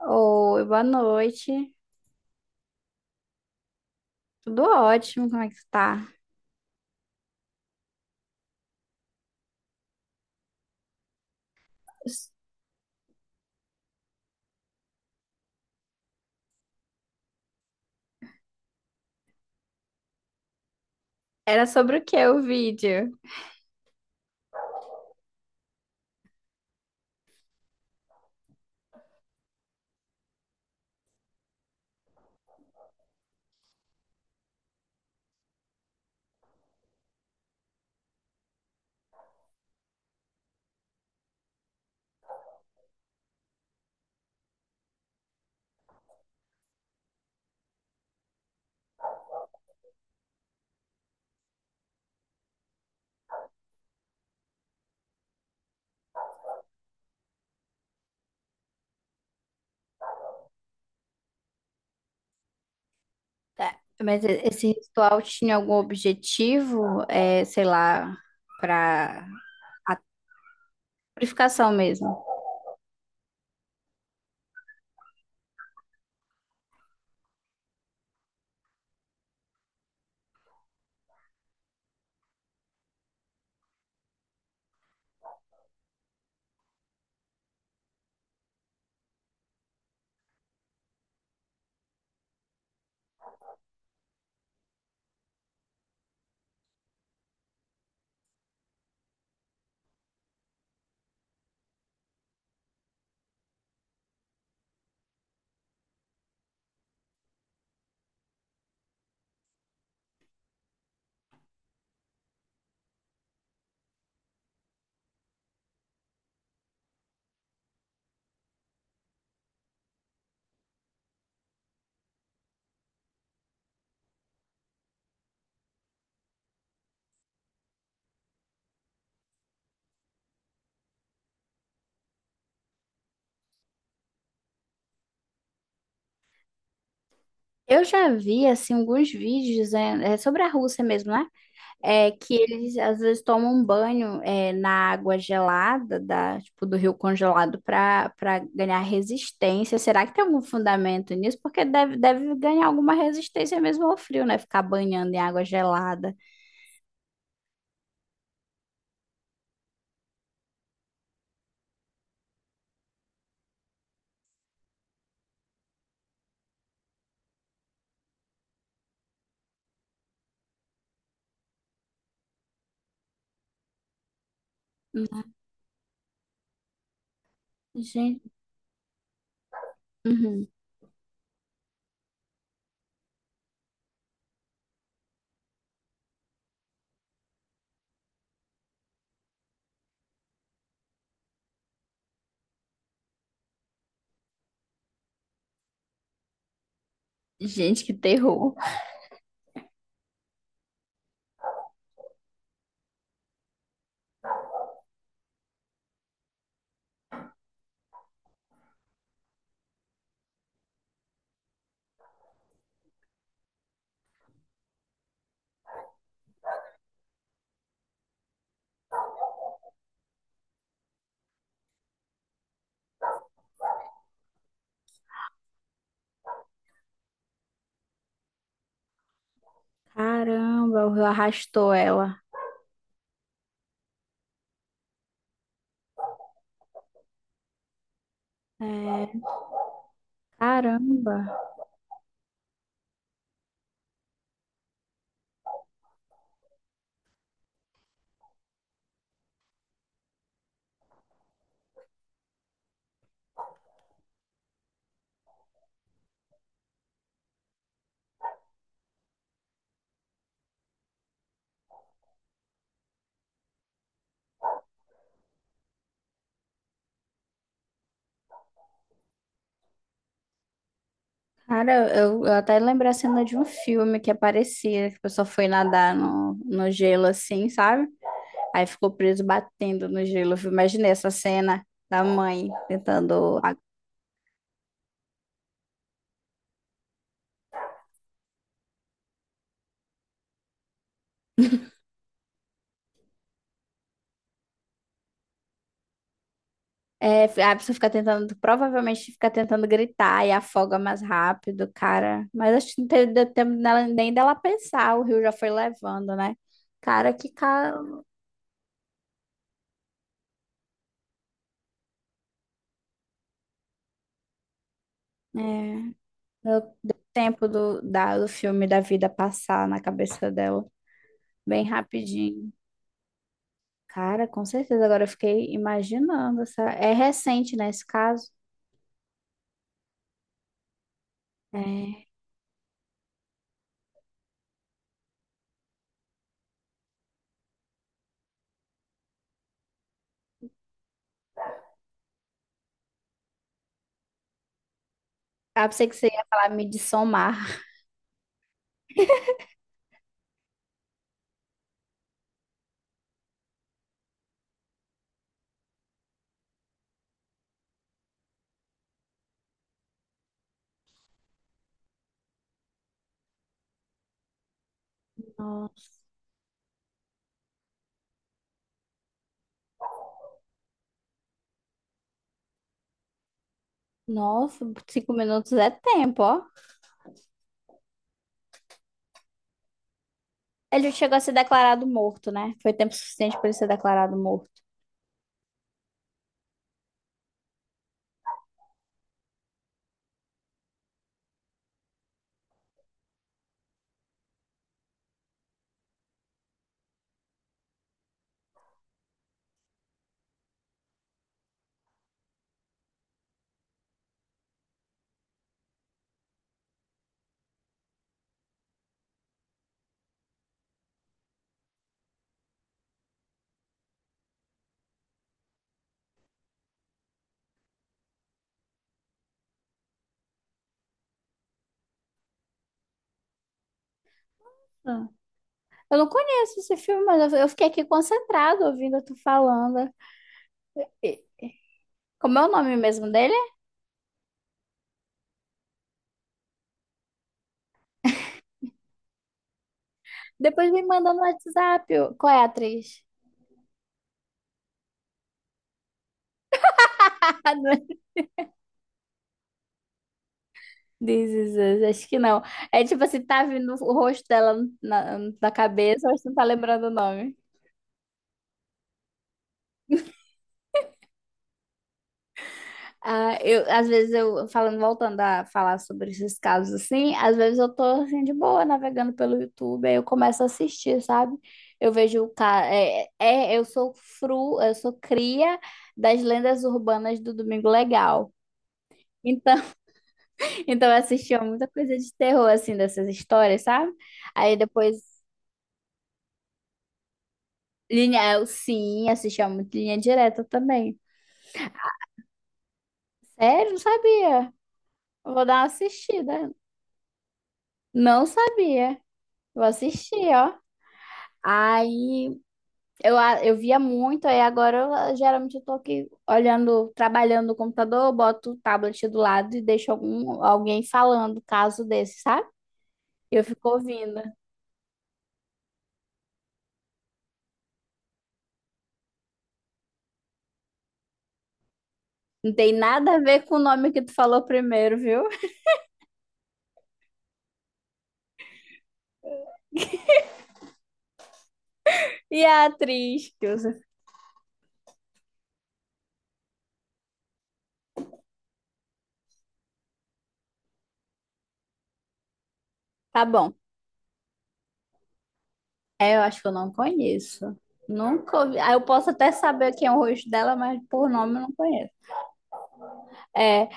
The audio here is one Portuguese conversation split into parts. Oi, boa noite. Tudo ótimo, como é que você tá? Era sobre o que o vídeo? Tá. Mas esse ritual tinha algum objetivo, é, sei lá, para a purificação mesmo? Eu já vi assim alguns vídeos, é, sobre a Rússia mesmo, né? É que eles às vezes tomam um banho, é, na água gelada, da, tipo, do rio congelado, para ganhar resistência. Será que tem algum fundamento nisso? Porque deve, deve ganhar alguma resistência mesmo ao frio, né? Ficar banhando em água gelada. Gente, uhum. Gente, que terror. Caramba, o rio arrastou ela. É, caramba. Cara, eu até lembrei a cena de um filme que aparecia, que a pessoa foi nadar no, no gelo assim, sabe? Aí ficou preso batendo no gelo, viu? Imaginei essa cena da mãe tentando. É, a pessoa fica tentando, provavelmente fica tentando gritar e afoga mais rápido, cara. Mas acho que não teve, deu tempo nem dela pensar, o rio já foi levando, né? Cara, que cara. É, deu, deu tempo do, da, do filme da vida passar na cabeça dela, bem rapidinho. Cara, com certeza. Agora eu fiquei imaginando. Essa... É recente, né, esse caso? É. Ah, pensei que você ia falar me de somar. Nossa. Nossa, 5 minutos é tempo, ó. Ele chegou a ser declarado morto, né? Foi tempo suficiente para ele ser declarado morto. Ah. Eu não conheço esse filme, mas eu fiquei aqui concentrado ouvindo tu falando. E- Como é o nome mesmo dele? Depois me manda no WhatsApp, ô. Qual é a atriz? Ah, não é This Is Us, acho que não. É tipo assim, tá vindo o rosto dela na, na cabeça, mas não tá lembrando o nome. Ah, eu, às vezes eu, falando, voltando a falar sobre esses casos assim, às vezes eu tô assim de boa navegando pelo YouTube, aí eu começo a assistir, sabe? Eu vejo o cara, é, é, eu sou fru, eu sou cria das lendas urbanas do Domingo Legal. Então, então eu assistia muita coisa de terror assim, dessas histórias, sabe? Aí depois linha, eu sim, assistia muito Linha Direta também. Sério, não sabia. Eu vou dar uma assistida. Não sabia. Vou assistir, ó. Aí eu, eu via muito, aí agora eu, geralmente eu tô aqui olhando, trabalhando no computador, boto o tablet do lado e deixo algum, alguém falando caso desse, sabe? E eu fico ouvindo. Não tem nada a ver com o nome que tu falou primeiro, viu? E a atriz que usa. Tá bom. É, eu acho que eu não conheço. Nunca ouvi. Ah, eu posso até saber quem é o rosto dela, mas por nome eu não conheço. É,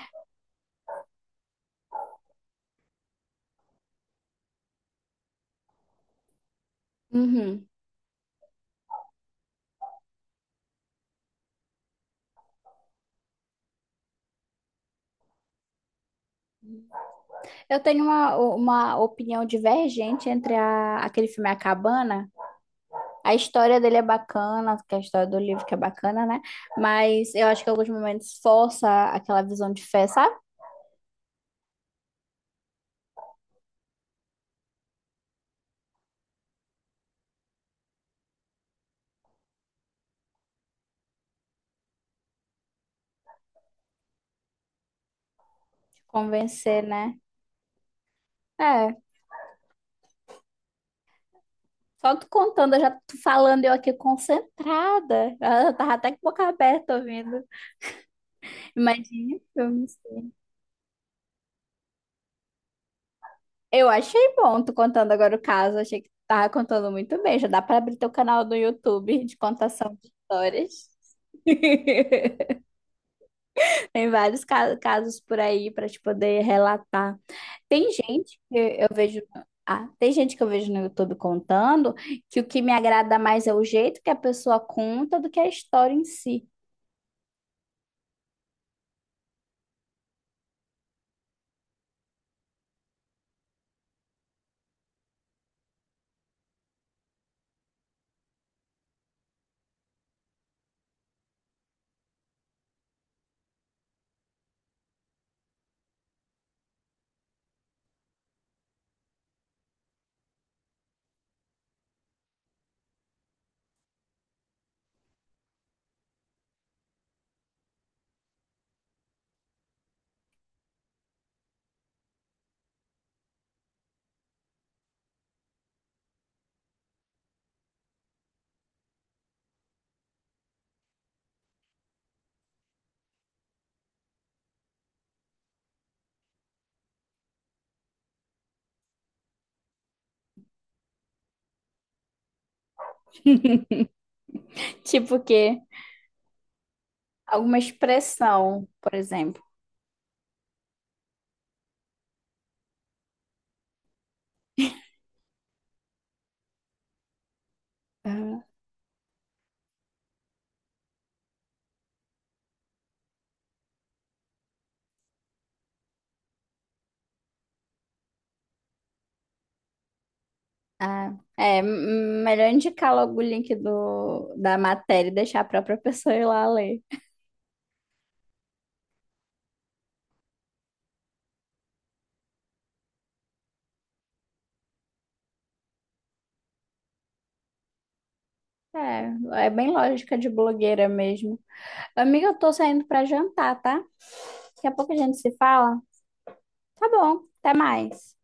uhum. Eu tenho uma opinião divergente entre a, aquele filme A Cabana. A história dele é bacana, que é a história do livro que é bacana, né? Mas eu acho que em alguns momentos força aquela visão de fé, sabe? Convencer, né? É. Só tu contando, eu já tô falando, eu aqui concentrada. Eu tava até com a boca aberta ouvindo. Imagine filme, sim. Eu achei bom tu contando agora o caso. Achei que tu tava contando muito bem. Já dá pra abrir teu canal do YouTube de contação de histórias. Tem vários casos por aí para te poder relatar. Tem gente que eu vejo, ah, tem gente que eu vejo no YouTube contando que o que me agrada mais é o jeito que a pessoa conta do que a história em si. Tipo que alguma expressão, por exemplo. Ah, é melhor indicar logo o link do, da matéria e deixar a própria pessoa ir lá ler. É, é bem lógica de blogueira mesmo. Amiga, eu tô saindo para jantar, tá? Daqui a pouco a gente se fala. Tá bom, até mais.